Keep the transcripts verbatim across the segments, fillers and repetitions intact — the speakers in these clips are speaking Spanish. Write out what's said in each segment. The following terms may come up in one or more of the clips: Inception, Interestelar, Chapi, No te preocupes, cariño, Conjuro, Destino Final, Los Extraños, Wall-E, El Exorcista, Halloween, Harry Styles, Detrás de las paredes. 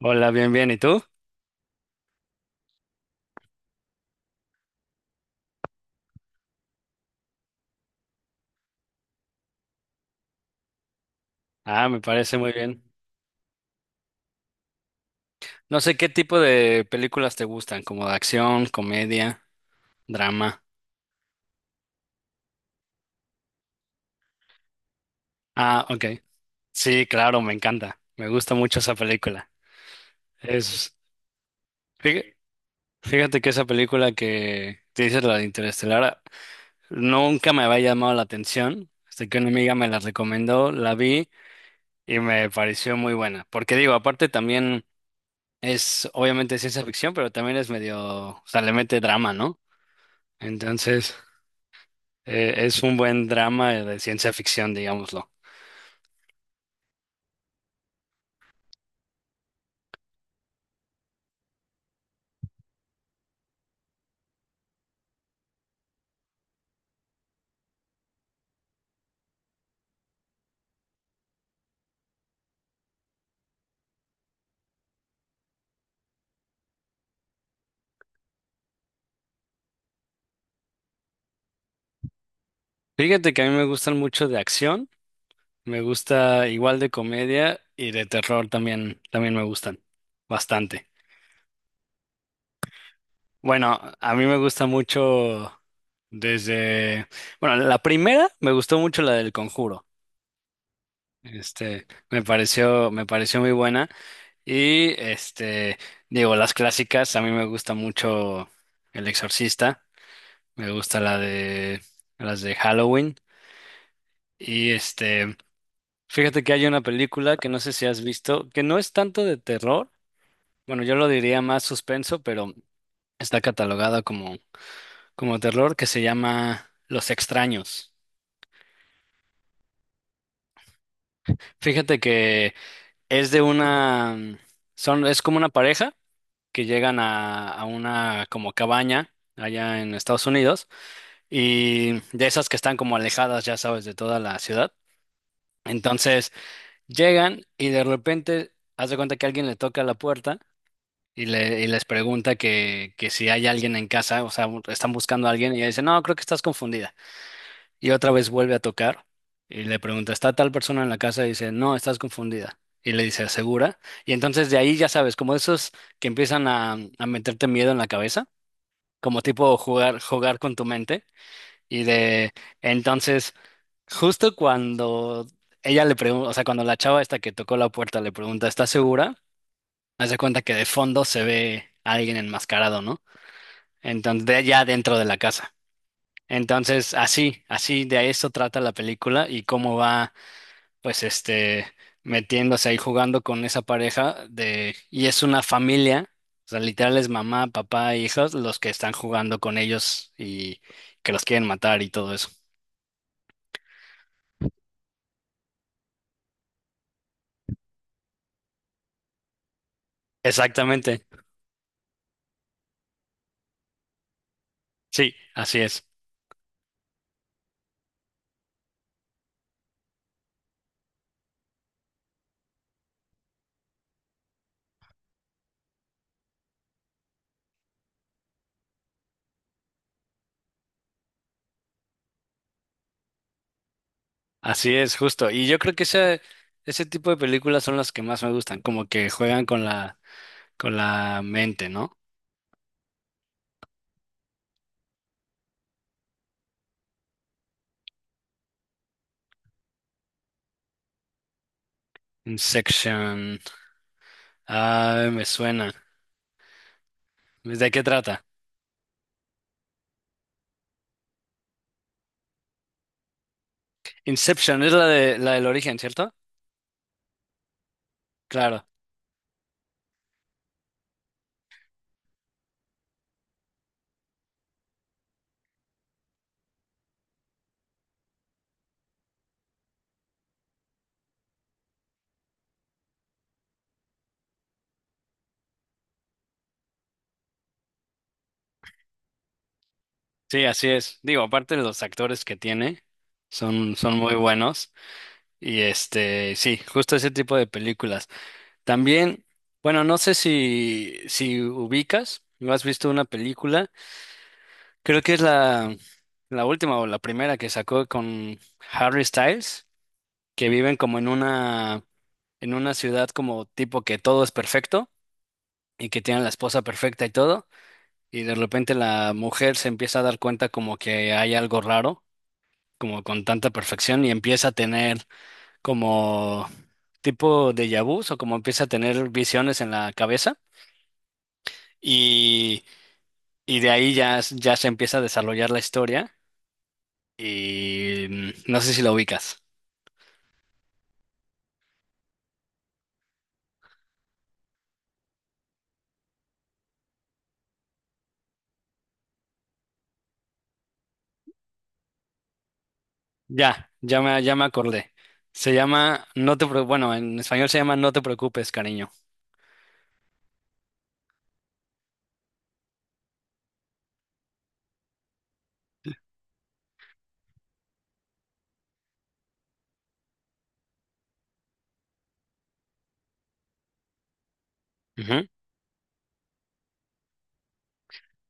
Hola, bien, bien. ¿Y tú? Ah, me parece muy bien. No sé qué tipo de películas te gustan, como de acción, comedia, drama. Ah, ok. Sí, claro, me encanta. Me gusta mucho esa película. Es, fí- Fíjate que esa película que te dices, la de Interestelar, nunca me había llamado la atención. Hasta que una amiga me la recomendó, la vi y me pareció muy buena. Porque digo, aparte también es obviamente ciencia ficción, pero también es medio, o sea, le mete drama, ¿no? Entonces... Eh, es un buen drama de ciencia ficción, digámoslo. Fíjate que a mí me gustan mucho de acción, me gusta igual de comedia y de terror también, también me gustan bastante. Bueno, a mí me gusta mucho desde, bueno, la primera me gustó mucho la del Conjuro. Este, me pareció, me pareció muy buena. Y este, Digo, las clásicas, a mí me gusta mucho El Exorcista, me gusta la de, las de Halloween. Y este, Fíjate que hay una película que no sé si has visto, que no es tanto de terror, bueno, yo lo diría más suspenso, pero está catalogada como, como terror, que se llama Los Extraños. Fíjate que es de una, mm, son, es como una pareja que llegan a, a una como cabaña allá en Estados Unidos y de esas que están como alejadas, ya sabes, de toda la ciudad. Entonces llegan y de repente haz de cuenta que alguien le toca la puerta y, le- y les pregunta que, que si hay alguien en casa, o sea, bu- están buscando a alguien y ella dice, no, creo que estás confundida. Y otra vez vuelve a tocar y le pregunta, ¿está tal persona en la casa? Y dice, no, estás confundida. Y le dice, ¿segura? Y entonces de ahí ya sabes, como esos que empiezan a, a meterte miedo en la cabeza, como tipo jugar, jugar con tu mente. Y de Entonces, justo cuando ella le pregunta, o sea, cuando la chava esta que tocó la puerta le pregunta, ¿estás segura? Haz de cuenta que de fondo se ve a alguien enmascarado, ¿no? Entonces, de allá dentro de la casa. Entonces, así, así de eso trata la película y cómo va, pues, este, metiéndose ahí jugando con esa pareja de, y es una familia, o sea, literal es mamá, papá, e hijos, los que están jugando con ellos y que los quieren matar y todo eso. Exactamente, sí, así es, así es, justo. Y yo creo que ese, ese tipo de películas son las que más me gustan, como que juegan con la, con la mente, ¿no? Inception. Ah, me suena. ¿De qué trata? Inception es la de la del origen, ¿cierto? Claro. Sí, así es. Digo, aparte de los actores que tiene, son, son muy buenos. Y este, sí, justo ese tipo de películas. También, bueno, no sé si, si ubicas, ¿no has visto una película? Creo que es la, la última o la primera que sacó con Harry Styles, que viven como en una, en una ciudad como tipo que todo es perfecto y que tienen la esposa perfecta y todo. Y de repente la mujer se empieza a dar cuenta como que hay algo raro, como con tanta perfección, y empieza a tener como tipo de vus o como empieza a tener visiones en la cabeza. Y, y de ahí ya, s- ya se empieza a desarrollar la historia. Y mm, no sé si la ubicas. Ya, ya me, ya me acordé. Se llama, no te, preo- bueno, en español se llama No te preocupes, cariño. Ujú.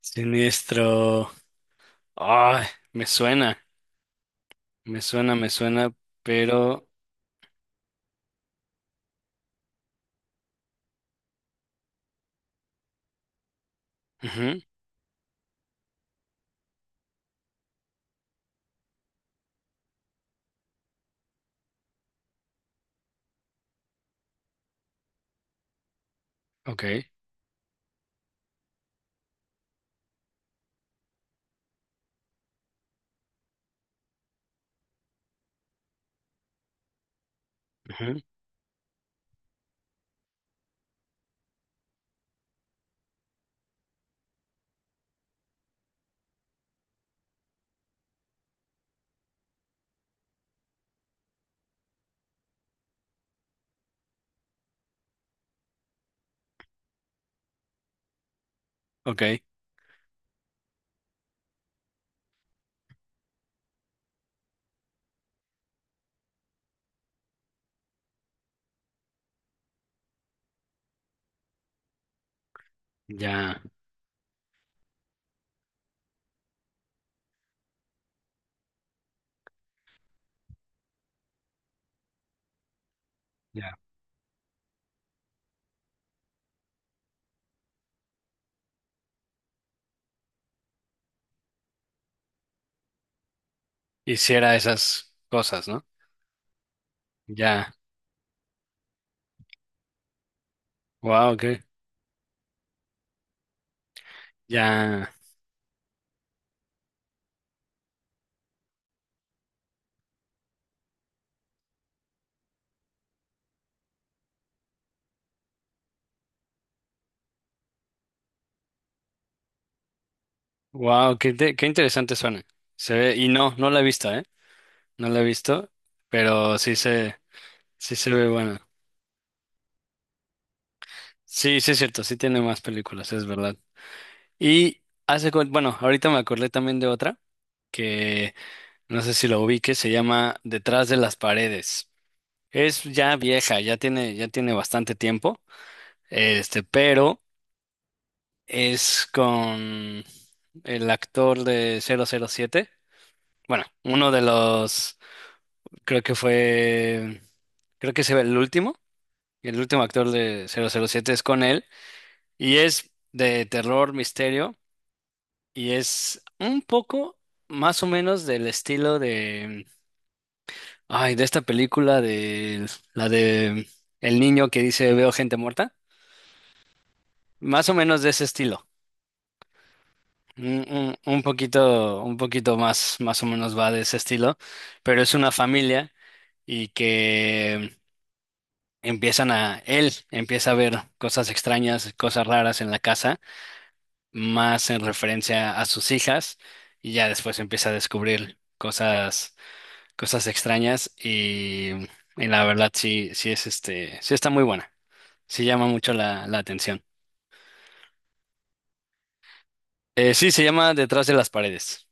Siniestro. Ay, me suena. Me suena, me suena, pero... Ujú. Ok. Ujú, ok, ya, ya. Hiciera esas cosas, ¿no? Ya, wow, qué, ya, wow, qué, te- qué interesante suena. Se ve, y no, no la he visto, ¿eh? No la he visto, pero sí se, sí se ve buena. Sí, sí es cierto, sí tiene más películas, es verdad. Y hace, cu- bueno, ahorita me acordé también de otra que no sé si lo ubique, se llama Detrás de las paredes. Es ya vieja, ya tiene, ya tiene bastante tiempo, este, pero es con el actor de cero cero siete. Bueno, uno de los, creo que fue, creo que se ve el último, el último actor de cero cero siete es con él, y es de terror, misterio, y es un poco más o menos del estilo de, ay, de esta película de, la de el niño que dice veo gente muerta, más o menos de ese estilo. Un, un- un poquito, un poquito más, más o menos va de ese estilo, pero es una familia y que empiezan a, él empieza a ver cosas extrañas, cosas raras en la casa, más en referencia a sus hijas, y ya después empieza a descubrir cosas, cosas extrañas y, y la verdad sí, sí es este, sí está muy buena, sí llama mucho la, la atención. Eh, sí, se llama Detrás de las paredes.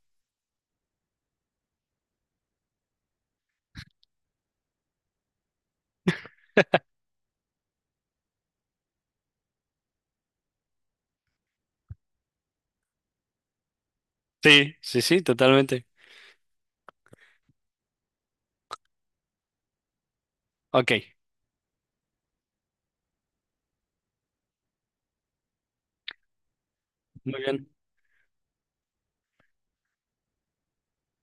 Sí, sí, sí, totalmente. Ok, muy bien.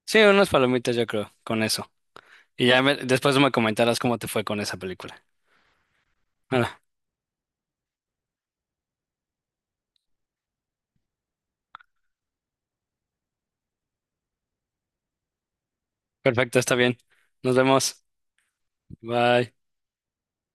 Sí, unas palomitas yo creo, con eso. Y ya me- después me comentarás cómo te fue con esa película. Bueno, perfecto, está bien. Nos vemos. Bye.